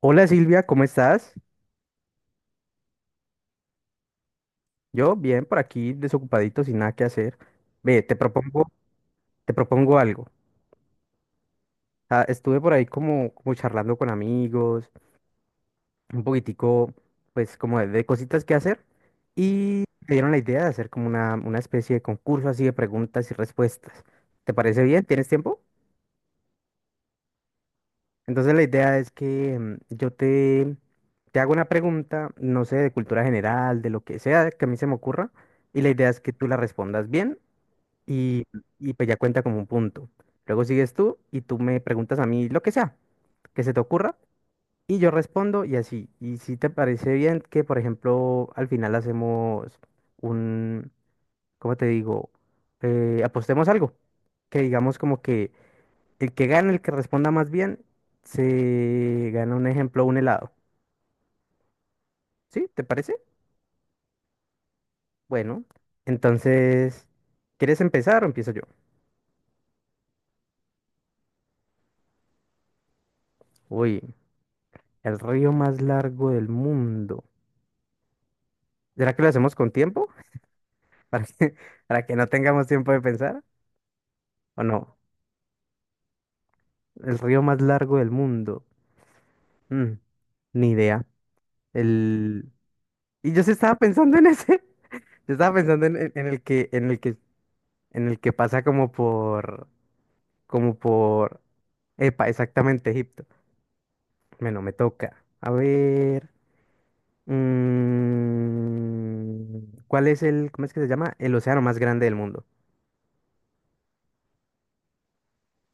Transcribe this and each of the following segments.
Hola Silvia, ¿cómo estás? Yo bien, por aquí desocupadito, sin nada que hacer. Ve, te propongo algo. Estuve por ahí como charlando con amigos, un poquitico, pues como de cositas que hacer, y me dieron la idea de hacer como una especie de concurso así de preguntas y respuestas. ¿Te parece bien? ¿Tienes tiempo? Entonces la idea es que te hago una pregunta, no sé, de cultura general, de lo que sea que a mí se me ocurra, y la idea es que tú la respondas bien y, y pues ya cuenta como un punto. Luego sigues tú y tú me preguntas a mí lo que sea, que se te ocurra, y yo respondo y así. Y si te parece bien que, por ejemplo, al final hacemos un, ¿cómo te digo? Apostemos algo, que digamos como que el que gane, el que responda más bien, se gana un ejemplo, un helado. ¿Sí? ¿Te parece? Bueno, entonces, ¿quieres empezar o empiezo yo? Uy, el río más largo del mundo. ¿Será que lo hacemos con tiempo? ¿Para que, para que no tengamos tiempo de pensar? ¿O no? El río más largo del mundo. Mm, ni idea. El... Y yo sí estaba pensando en ese. Yo estaba pensando en el que pasa como por epa, exactamente Egipto. Bueno, me toca. A ver. mm, ¿Cuál es el, cómo es que se llama? El océano más grande del mundo.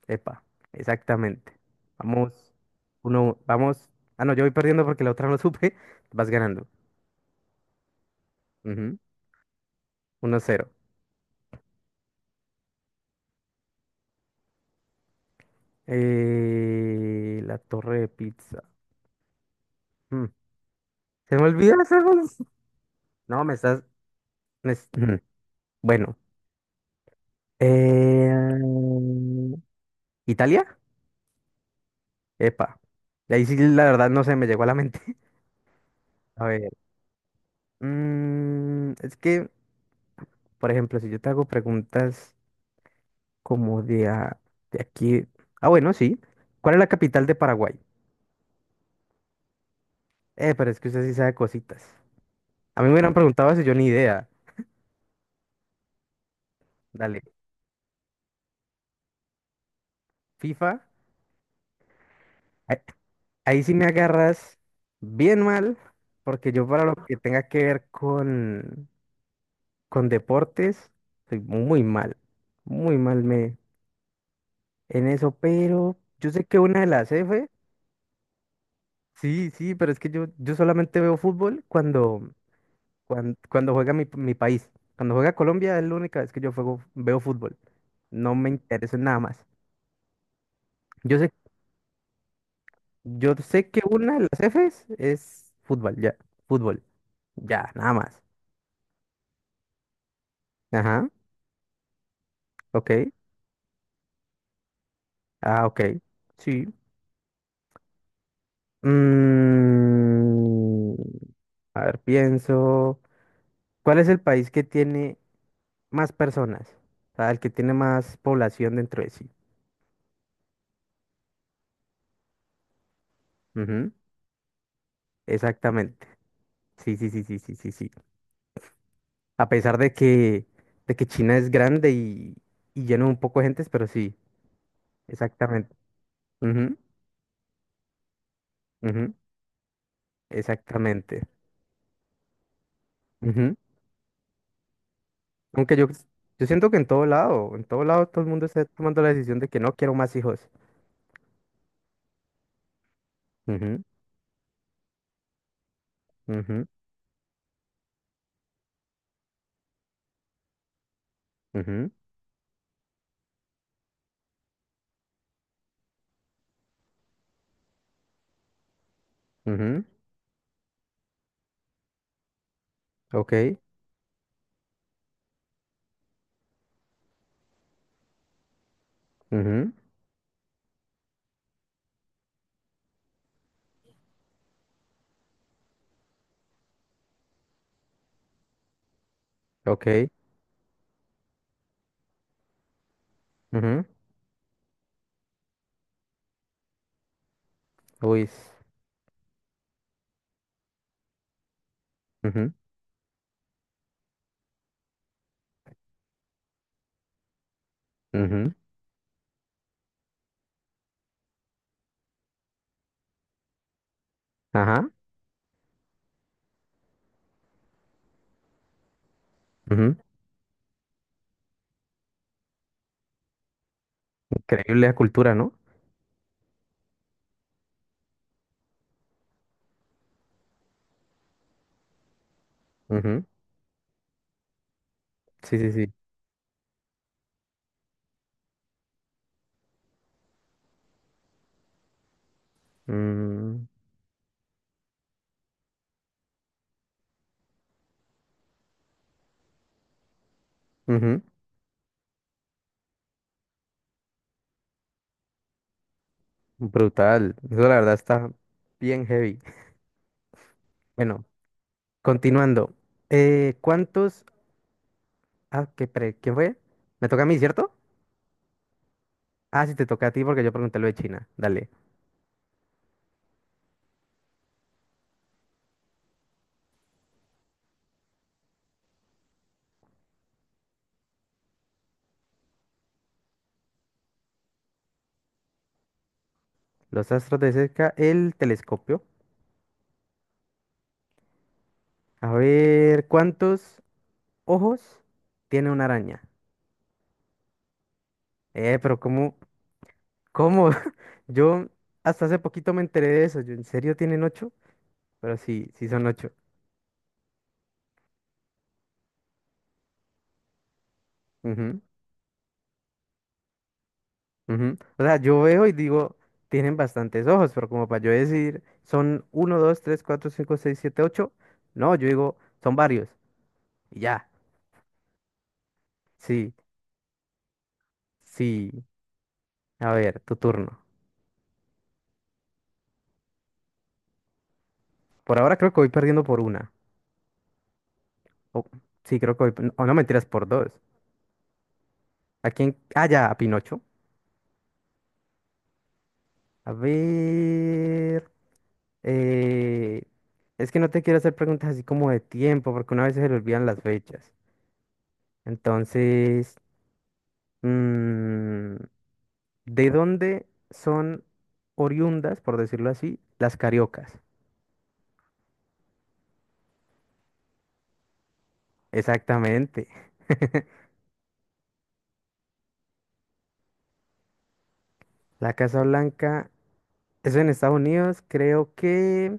Epa, exactamente. Vamos, uno, vamos. Ah, no, yo voy perdiendo porque la otra no supe. Vas ganando. Ujú, 1-0. La torre de pizza. Mm, Se me olvidó hacer unos- No, me estás. Ujú, bueno. Eh, ¿Italia? Epa. De ahí sí, la verdad, no se me llegó a la mente. A ver. Es que, por ejemplo, si yo te hago preguntas. Como de, a- de aquí. Ah, bueno, sí. ¿Cuál es la capital de Paraguay? Pero es que usted sí sabe cositas. A mí me hubieran preguntado eso, yo ni idea. Dale. FIFA. Ahí, ahí sí me agarras bien mal, porque yo para lo que tenga que ver con deportes, soy muy mal. Muy mal me en eso, pero yo sé que una de las F. Sí, sí, pero es que yo solamente veo fútbol cuando cuando juega mi país, cuando juega Colombia es la única vez que yo juego, veo fútbol. No me interesa en nada más. Yo sé, yo sé que una de las Fs es fútbol, ya. Fútbol, ya, nada más. Ajá, ok. Ah, ok. Sí. Mm, a ver, pienso. ¿Cuál es el país que tiene más personas? O sea, el que tiene más población dentro de sí. Ujú, exactamente. Sí, sí, sí, sí, sí, sí, sí. A pesar de que China es grande y llena un poco de gentes, pero sí, exactamente. Ujú, ujú, exactamente. Ujú. Aunque yo siento que en todo lado todo el mundo está tomando la decisión de que no quiero más hijos. Ujú, ujú, ujú, ujú, ok, ujú, ok, ujú, uy, s- ujú, ujú, ajá, ujú. Increíble la cultura, ¿no? Ujú, sí, sí, sí. mm, ujú, brutal. Eso la verdad está bien heavy. Bueno, continuando. ¿Cuántos? Ah, ¿qué, pre- ¿quién fue? Me toca a mí, ¿cierto? Ah, sí, te toca a ti porque yo pregunté lo de China. Dale. Los astros de cerca, el telescopio. A ver, ¿cuántos ojos tiene una araña? Pero ¿cómo? ¿Cómo? Yo hasta hace poquito me enteré de eso. Yo, ¿en serio tienen ocho? Pero sí, sí son ocho. Ujú. Ujú. O sea, yo veo y digo, tienen bastantes ojos, pero como para yo decir, son uno, 2, 3, 4, 5, 6, 7, 8. No, yo digo, son varios. Y ya, sí, sí. A ver, tu turno. Por ahora creo que voy perdiendo por una. O- sí, creo que voy, o no, mentiras, por dos. ¿A quién? Ah, ya, a Pinocho. A ver. eh, es que no te quiero hacer preguntas así como de tiempo, porque una vez se le olvidan las fechas. Entonces... mm, ¿de dónde son oriundas, por decirlo así, las cariocas? Exactamente. La Casa Blanca es en Estados Unidos, creo que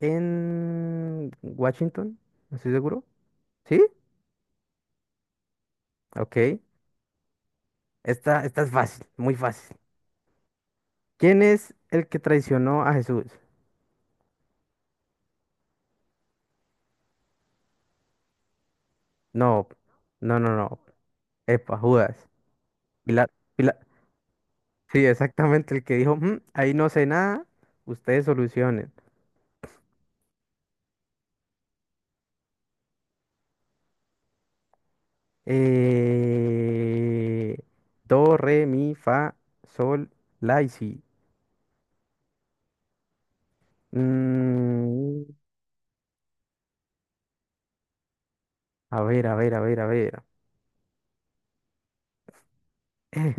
en Washington, no estoy seguro. ¿Sí? Ok. Esta es fácil, muy fácil. ¿Quién es el que traicionó a Jesús? No, no. Epa, Judas. Pila, pila. Sí, exactamente el que dijo, "Mm, ahí no sé nada, ustedes solucionen. Eh, do, re, mi, fa, sol, la y si. Mm, a ver, a ver, a ver, a ver. Eh,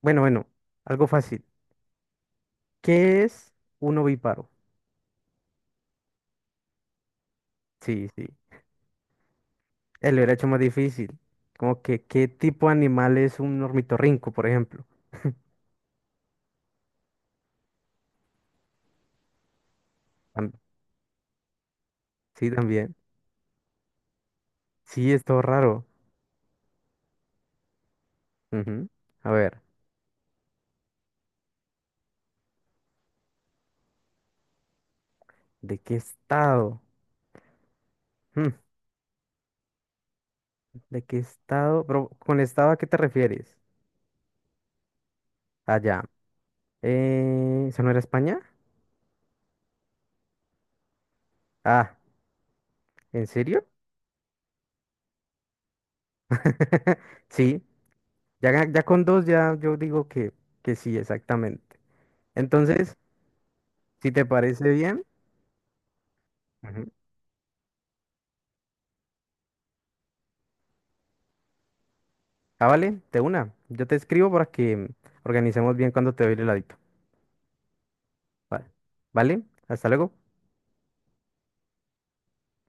Bueno, bueno, algo fácil. ¿Qué es un ovíparo? Sí, sí. Él lo hubiera hecho más difícil. Como que, ¿qué tipo de animal es un ornitorrinco, por ejemplo? Tam- sí, también. Sí, es todo raro. Ujú. A ver, ¿de qué estado? Hmm, ¿de qué estado? Pero, ¿con estado a qué te refieres? Allá. ¿Esa no era España? Ah, ¿en serio? Sí, ya, ya con dos ya yo digo que sí, exactamente. Entonces, si te parece bien, ujú. Ah, vale, de una. Yo te escribo para que organicemos bien cuando te doy el heladito. Vale, ¿vale? Hasta luego.